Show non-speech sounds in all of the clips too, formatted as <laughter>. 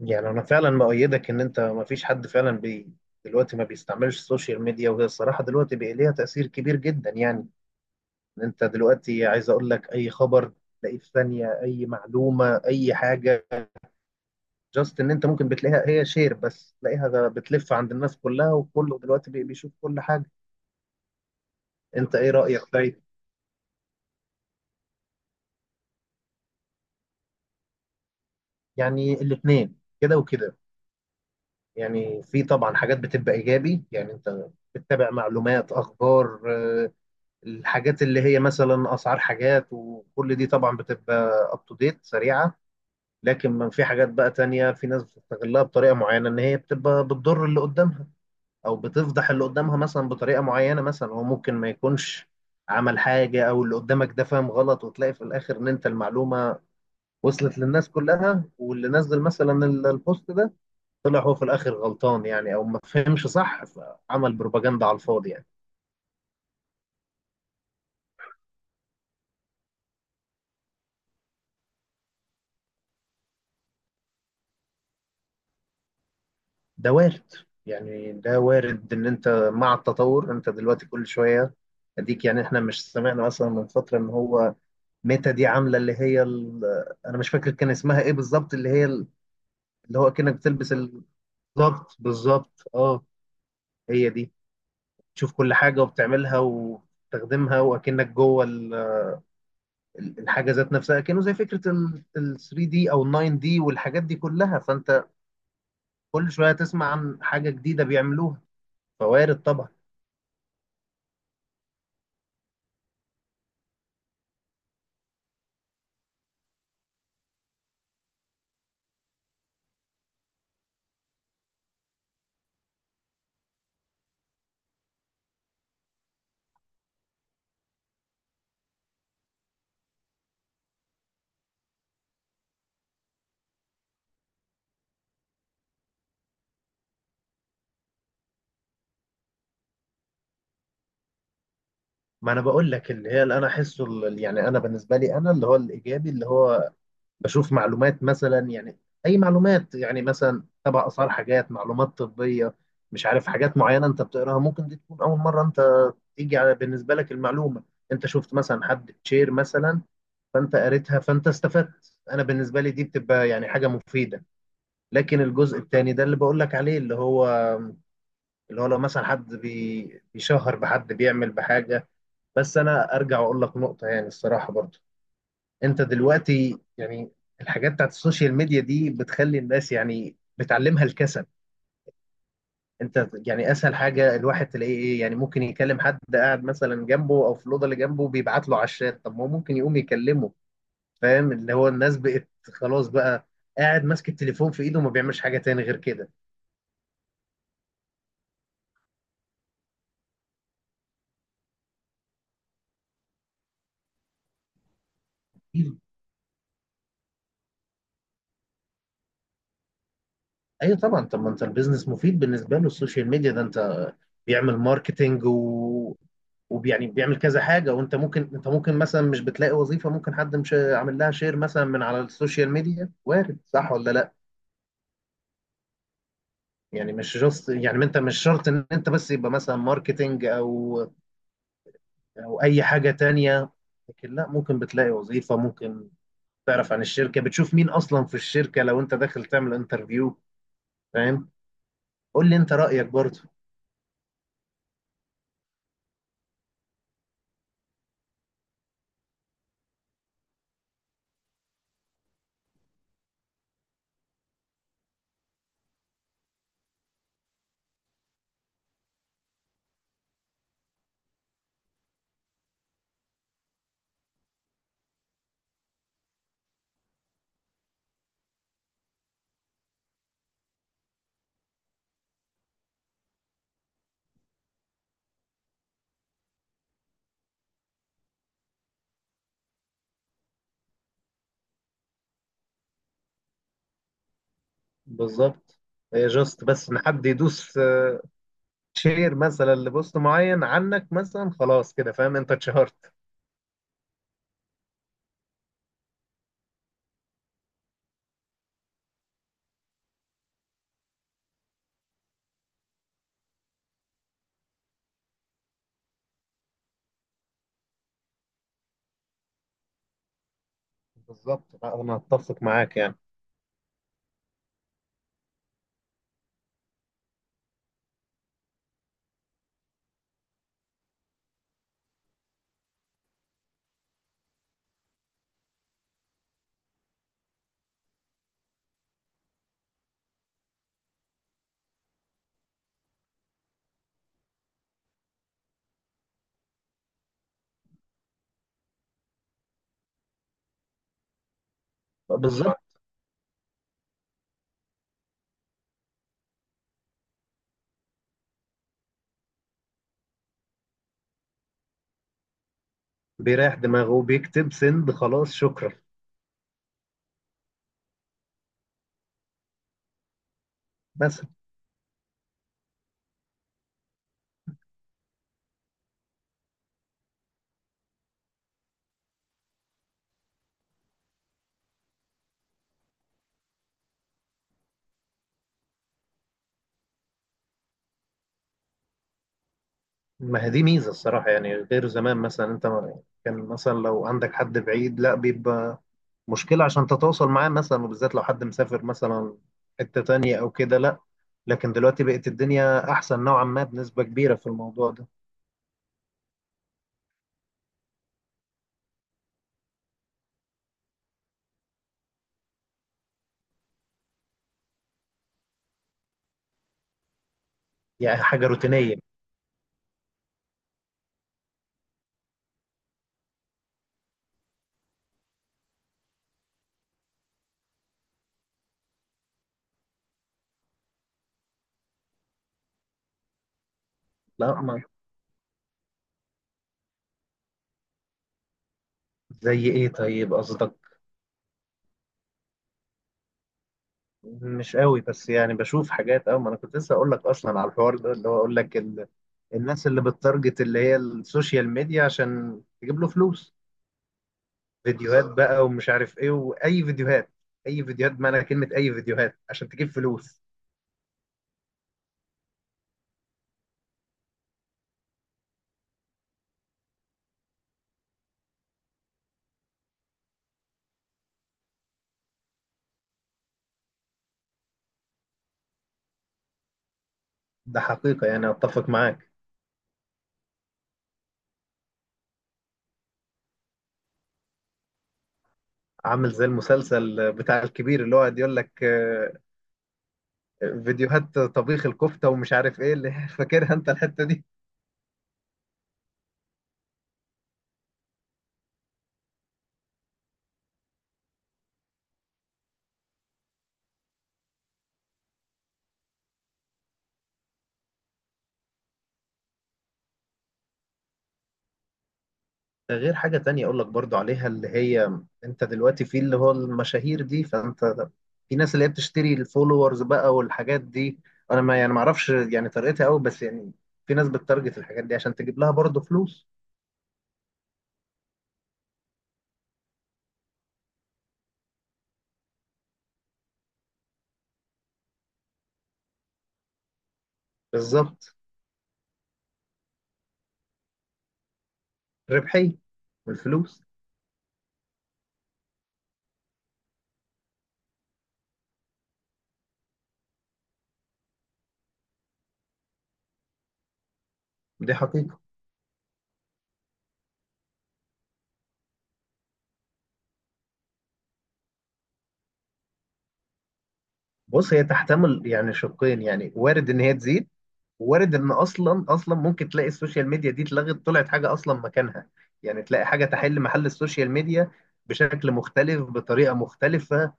يعني انا فعلا بأيدك ان انت ما فيش حد فعلا بي دلوقتي ما بيستعملش السوشيال ميديا، وهي الصراحه دلوقتي بقى ليها تاثير كبير جدا. يعني إن انت دلوقتي عايز اقول لك اي خبر تلاقيه في ثانيه، اي معلومه اي حاجه جاست ان انت ممكن بتلاقيها هي شير بس تلاقيها بتلف عند الناس كلها، وكله دلوقتي بيشوف كل حاجه. انت ايه رايك طيب؟ يعني الاثنين كده وكده. يعني في طبعا حاجات بتبقى ايجابي، يعني انت بتتابع معلومات اخبار، الحاجات اللي هي مثلا اسعار حاجات وكل دي طبعا بتبقى اب تو ديت سريعه. لكن من في حاجات بقى تانية، في ناس بتستغلها بطريقه معينه ان هي بتبقى بتضر اللي قدامها، او بتفضح اللي قدامها مثلا بطريقه معينه. مثلا هو ممكن ما يكونش عمل حاجه، او اللي قدامك ده فاهم غلط، وتلاقي في الاخر ان انت المعلومه وصلت للناس كلها، واللي نزل مثلا البوست ده طلع هو في الاخر غلطان، يعني او ما فهمش صح فعمل بروباجندا على الفاضي يعني. ده وارد. يعني ده وارد ان انت مع التطور انت دلوقتي كل شويه اديك. يعني احنا مش سمعنا مثلا من فتره ان هو ميتا دي عامله اللي هي ال، انا مش فاكر كان اسمها ايه بالظبط، اللي هي اللي هو كأنك بتلبس ال. بالظبط بالظبط، اه، هي دي. تشوف كل حاجه وبتعملها وتخدمها واكنك جوه ال، الحاجه ذات نفسها، كأنه زي فكره ال 3D دي او ال 9D دي والحاجات دي كلها. فانت كل شويه تسمع عن حاجه جديده بيعملوها، فوارد طبعا. ما انا بقول لك اللي هي اللي انا احسه ال، يعني انا بالنسبه لي انا اللي هو الايجابي، اللي هو بشوف معلومات مثلا يعني. اي معلومات يعني مثلا تبع اسعار حاجات، معلومات طبيه، مش عارف حاجات معينه انت بتقراها، ممكن دي تكون اول مره انت تيجي على بالنسبه لك المعلومه. انت شفت مثلا حد شير مثلا، فانت قريتها فانت استفدت. انا بالنسبه لي دي بتبقى يعني حاجه مفيده. لكن الجزء الثاني ده اللي بقول لك عليه، اللي هو اللي هو لو مثلا حد بيشهر بحد، بيعمل بحاجه. بس انا ارجع واقول لك نقطه يعني الصراحه برضو، انت دلوقتي يعني الحاجات بتاعت السوشيال ميديا دي بتخلي الناس يعني بتعلمها الكسل. انت يعني اسهل حاجه الواحد تلاقيه ايه، يعني ممكن يكلم حد قاعد مثلا جنبه او في الاوضه اللي جنبه، بيبعت له على الشات. طب ما هو ممكن يقوم يكلمه. فاهم؟ اللي هو الناس بقت خلاص بقى قاعد ماسك التليفون في ايده وما بيعملش حاجه تاني غير كده. ايوه طبعا. طب ما انت البيزنس مفيد بالنسبه له السوشيال ميديا ده. انت بيعمل ماركتينج و، ويعني بيعمل كذا حاجه. وانت ممكن، انت ممكن مثلا مش بتلاقي وظيفه، ممكن حد مش عامل لها شير مثلا من على السوشيال ميديا، وارد صح ولا لا. يعني مش جاست، يعني انت مش شرط ان انت بس يبقى مثلا ماركتينج او او اي حاجه تانية. لكن لا، ممكن بتلاقي وظيفه، ممكن تعرف عن الشركه، بتشوف مين اصلا في الشركه لو انت داخل تعمل انترفيو. فاهم؟ قول لي انت رايك برضه. بالظبط. هي جاست بس ان حد يدوس، شير مثلا لبوست معين عنك مثلا، خلاص كده فاهم انت اتشهرت. بالظبط. لا، انا اتفق معاك يعني. بالظبط. بيريح دماغه وبيكتب سند خلاص شكرا. مثلا. ما هي دي ميزه الصراحه، يعني غير زمان مثلا انت كان مثلا لو عندك حد بعيد لا بيبقى مشكله عشان تتواصل معاه مثلا، وبالذات لو حد مسافر مثلا حته تانية او كده، لا. لكن دلوقتي بقت الدنيا احسن نوعا ما بنسبه كبيره في الموضوع ده. يعني حاجه روتينيه. لا ما. زي ايه طيب قصدك؟ مش قوي، بس يعني بشوف حاجات. اه، ما انا كنت لسه اقول لك اصلا على الحوار ده، اللي هو اقول لك ال، الناس اللي بتتارجت اللي هي السوشيال ميديا عشان تجيب له فلوس، فيديوهات بقى ومش عارف ايه، واي فيديوهات. اي فيديوهات بمعنى كلمة اي فيديوهات عشان تجيب فلوس. ده حقيقة، يعني اتفق معاك. عامل زي المسلسل بتاع الكبير اللي هو قاعد يقول لك، فيديوهات طبيخ الكفتة ومش عارف ايه اللي <laughs> فاكرها انت الحتة دي. ده غير حاجة تانية أقول لك برضو عليها، اللي هي أنت دلوقتي في اللي هو المشاهير دي، فأنت في ناس اللي هي بتشتري الفولورز بقى والحاجات دي. أنا ما يعني ما أعرفش يعني طريقتها أوي، بس يعني في ناس بتتارجت الحاجات دي عشان تجيب لها برضو فلوس. بالظبط. ربحية. والفلوس. دي حقيقة. بص، هي تحتمل يعني شقين. يعني وارد إن هي تزيد، وارد إن أصلا أصلا ممكن تلاقي السوشيال ميديا دي اتلغت، طلعت حاجة أصلا مكانها. يعني تلاقي حاجة تحل محل السوشيال ميديا بشكل مختلف بطريقة مختلفة.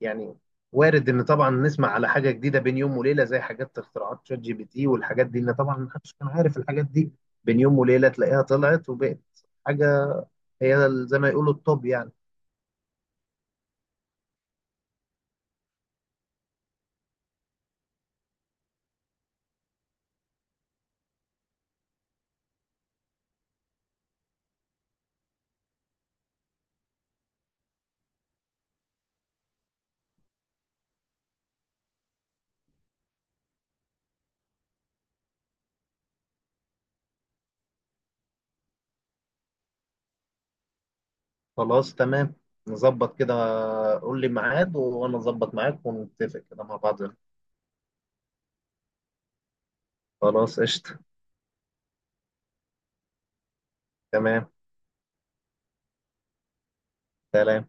يعني وارد ان طبعا نسمع على حاجه جديده بين يوم وليله، زي حاجات اختراعات شات جي بي تي والحاجات دي، ان طبعا ما حدش كان عارف الحاجات دي. بين يوم وليله تلاقيها طلعت وبقت حاجه هي زي ما يقولوا الطب يعني. خلاص تمام. نظبط كده. قول لي ميعاد وانا اظبط معاك ونتفق كده مع بعض. خلاص قشطه. تمام. سلام.